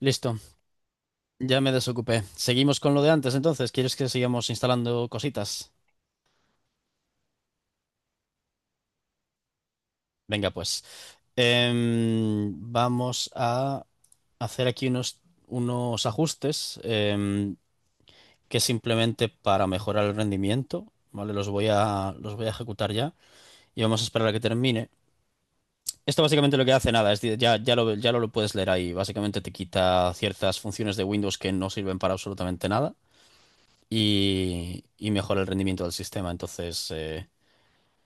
Listo, ya me desocupé. Seguimos con lo de antes, entonces. ¿Quieres que sigamos instalando cositas? Venga, pues. Vamos a hacer aquí unos ajustes, que simplemente para mejorar el rendimiento, ¿vale? Los voy a ejecutar ya y vamos a esperar a que termine. Esto básicamente lo que hace nada, es, decir, ya lo puedes leer ahí. Básicamente te quita ciertas funciones de Windows que no sirven para absolutamente nada y mejora el rendimiento del sistema. Entonces,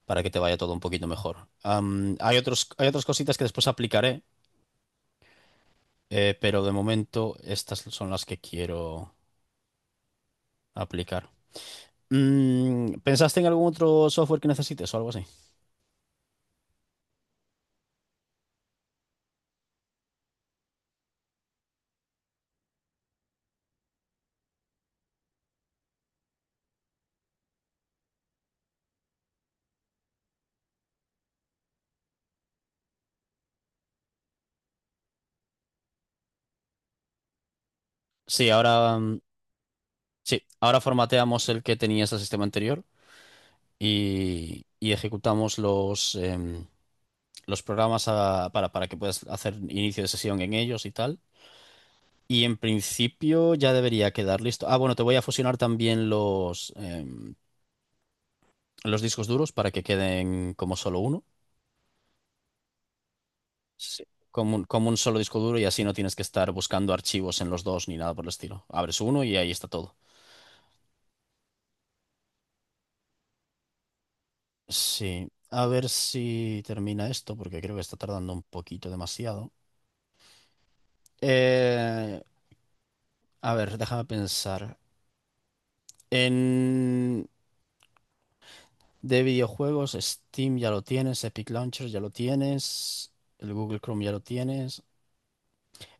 para que te vaya todo un poquito mejor. Hay otras cositas que después aplicaré, pero de momento estas son las que quiero aplicar. Mm, ¿pensaste en algún otro software que necesites o algo así? Sí, ahora, mm, sí, ahora formateamos el que tenías el sistema anterior y ejecutamos los programas para que puedas hacer inicio de sesión en ellos y tal. Y en principio ya debería quedar listo. Ah, bueno, te voy a fusionar también los discos duros para que queden como solo uno. Sí, como como un solo disco duro y así no tienes que estar buscando archivos en los dos ni nada por el estilo. Abres uno y ahí está todo. Sí, a ver si termina esto porque creo que está tardando un poquito demasiado. Eh, a ver, déjame pensar. En de videojuegos, Steam ya lo tienes, Epic Launcher ya lo tienes, el Google Chrome ya lo tienes.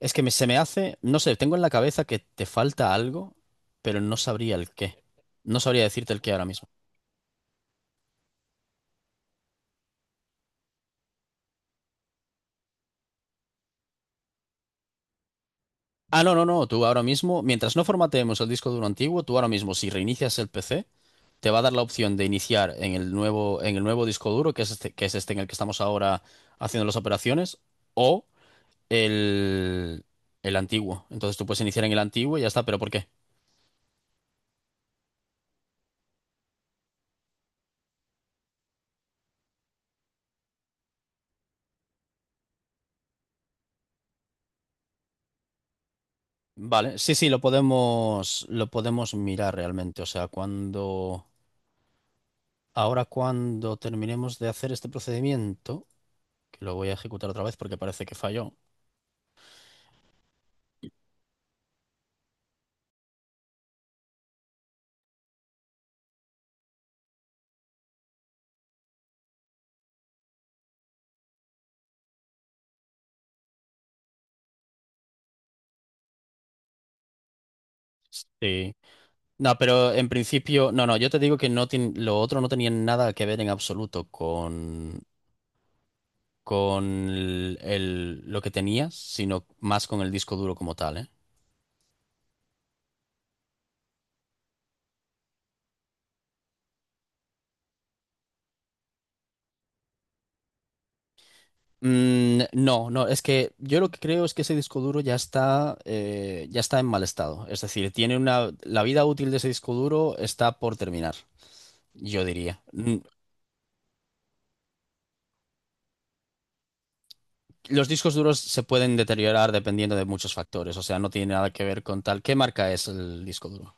Es que se me hace, no sé, tengo en la cabeza que te falta algo, pero no sabría el qué. No sabría decirte el qué ahora mismo. Ah, no, no, no, tú ahora mismo, mientras no formateemos el disco duro antiguo, tú ahora mismo, si reinicias el PC, te va a dar la opción de iniciar en el nuevo disco duro, que es este en el que estamos ahora haciendo las operaciones, o el, el antiguo. Entonces tú puedes iniciar en el antiguo y ya está, pero ¿por qué? Vale, sí, sí, lo podemos mirar realmente. O sea, cuando... Ahora cuando terminemos de hacer este procedimiento, que lo voy a ejecutar otra vez porque parece que falló. Sí. No, pero en principio, no, no, yo te digo que lo otro no tenía nada que ver en absoluto con lo que tenías, sino más con el disco duro como tal, ¿eh? Mm, no, no, es que yo lo que creo es que ese disco duro ya está en mal estado. Es decir, tiene una, la vida útil de ese disco duro está por terminar, yo diría. Mm, los discos duros se pueden deteriorar dependiendo de muchos factores, o sea, no tiene nada que ver con tal. ¿Qué marca es el disco duro?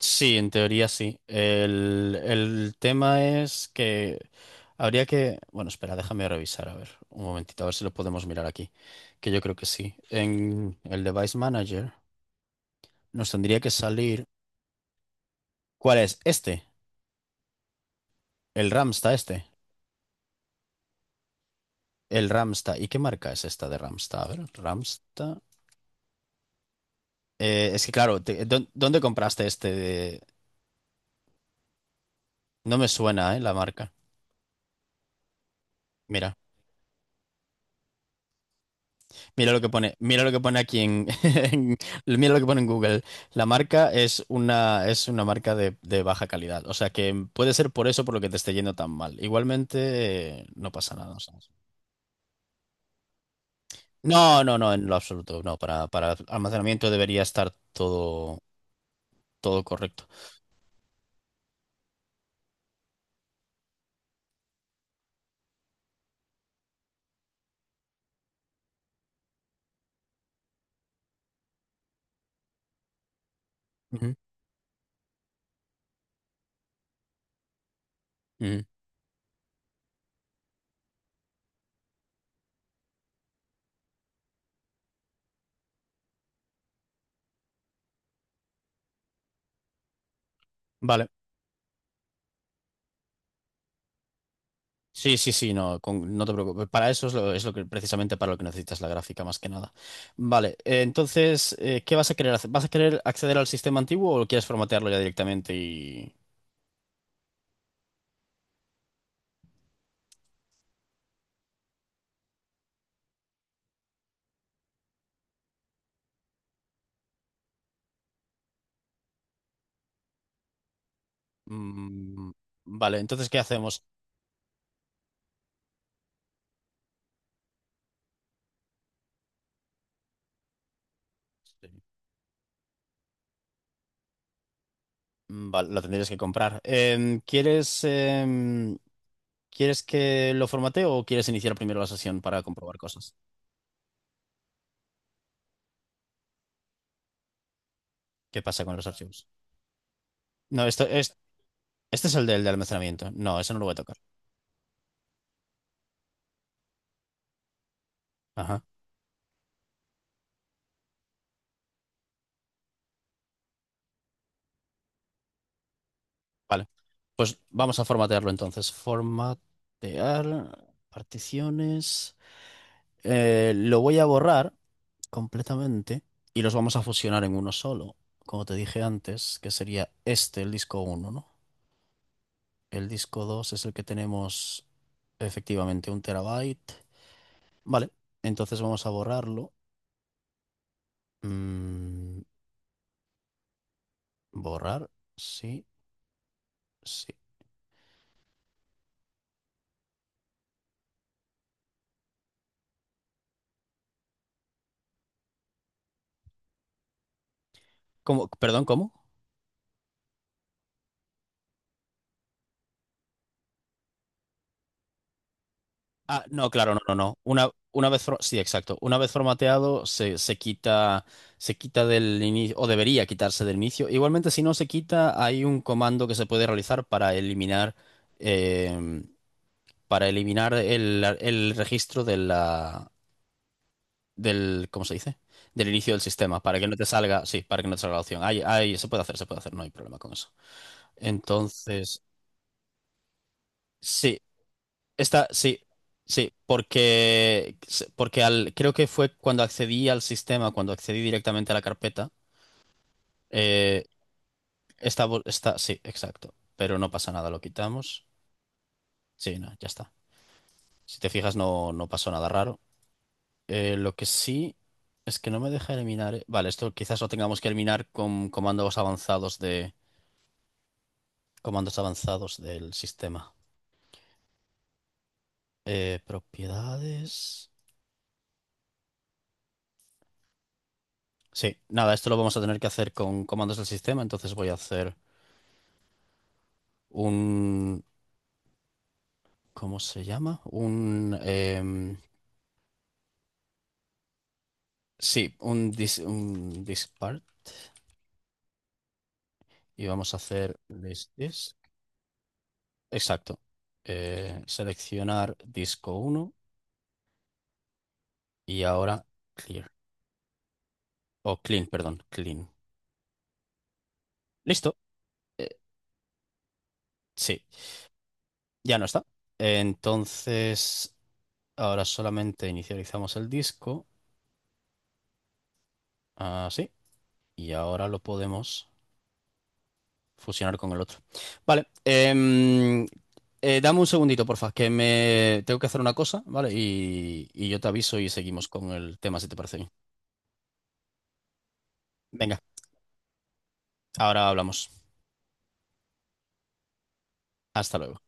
Sí, en teoría sí. El tema es que habría que... Bueno, espera, déjame revisar, a ver, un momentito, a ver si lo podemos mirar aquí, que yo creo que sí. En el Device Manager nos tendría que salir... ¿Cuál es? Este, el Ramsta este. El Ramsta. ¿Y qué marca es esta de Ramsta? A ver, Ramsta... es que claro, ¿dónde compraste este? No me suena, ¿eh? La marca. Mira, mira lo que pone, mira lo que pone aquí en, en- mira lo que pone en Google. La marca es una marca de baja calidad. O sea que puede ser por eso por lo que te esté yendo tan mal. Igualmente, no pasa nada. O sea, no, no, no, en lo absoluto. No, para almacenamiento debería estar todo, todo correcto. Ujú, ujú. Vale. Sí, sí, sí, no, no te preocupes. Para eso es lo que precisamente para lo que necesitas la gráfica más que nada. Vale, entonces, ¿qué vas a querer hacer? ¿Vas a querer acceder al sistema antiguo o quieres formatearlo ya directamente y... Mm, vale, entonces, ¿qué hacemos? Mm, vale, lo tendrías que comprar. ¿Quieres que lo formatee o quieres iniciar primero la sesión para comprobar cosas? ¿Qué pasa con los archivos? No, esto es, este es el del de almacenamiento. No, eso no lo voy a tocar. Ajá. Vale, pues vamos a formatearlo entonces. Formatear, particiones. Lo voy a borrar completamente y los vamos a fusionar en uno solo. Como te dije antes, que sería este, el disco uno, ¿no? El disco 2 es el que tenemos efectivamente 1 TB. Vale, entonces vamos a borrarlo. Mm, borrar, sí, sí. ¿Cómo? Perdón, ¿cómo? Ah, no, claro, no, no, no. Una vez, sí, exacto. Una vez formateado se quita del inicio, o debería quitarse del inicio. Igualmente, si no se quita, hay un comando que se puede realizar eh, para eliminar el registro de la, del, ¿cómo se dice? Del inicio del sistema, para que no te salga, sí, para que no te salga la opción. Ahí, ahí se puede hacer, no hay problema con eso. Entonces, sí, esta, sí, sí, porque, porque al, creo que fue cuando accedí al sistema, cuando accedí directamente a la carpeta, eh, esta, sí, exacto, pero no pasa nada, lo quitamos. Sí, no, ya está. Si te fijas, no, no pasó nada raro. Lo que sí es que no me deja eliminar. Vale, esto quizás lo tengamos que eliminar con comandos avanzados de, comandos avanzados del sistema. Propiedades. Sí, nada, esto lo vamos a tener que hacer con comandos del sistema, entonces voy a hacer un, ¿cómo se llama? Un, sí, un, dis, un dispart y vamos a hacer list disk. Exacto. Seleccionar disco uno y ahora clear. O clean, perdón, clean. Listo. Sí, ya no está. Entonces, ahora solamente inicializamos el disco. Así. Y ahora lo podemos fusionar con el otro. Vale. Dame un segundito, porfa, que me tengo que hacer una cosa, ¿vale? Y yo te aviso y seguimos con el tema, si te parece bien. Venga, ahora hablamos. Hasta luego.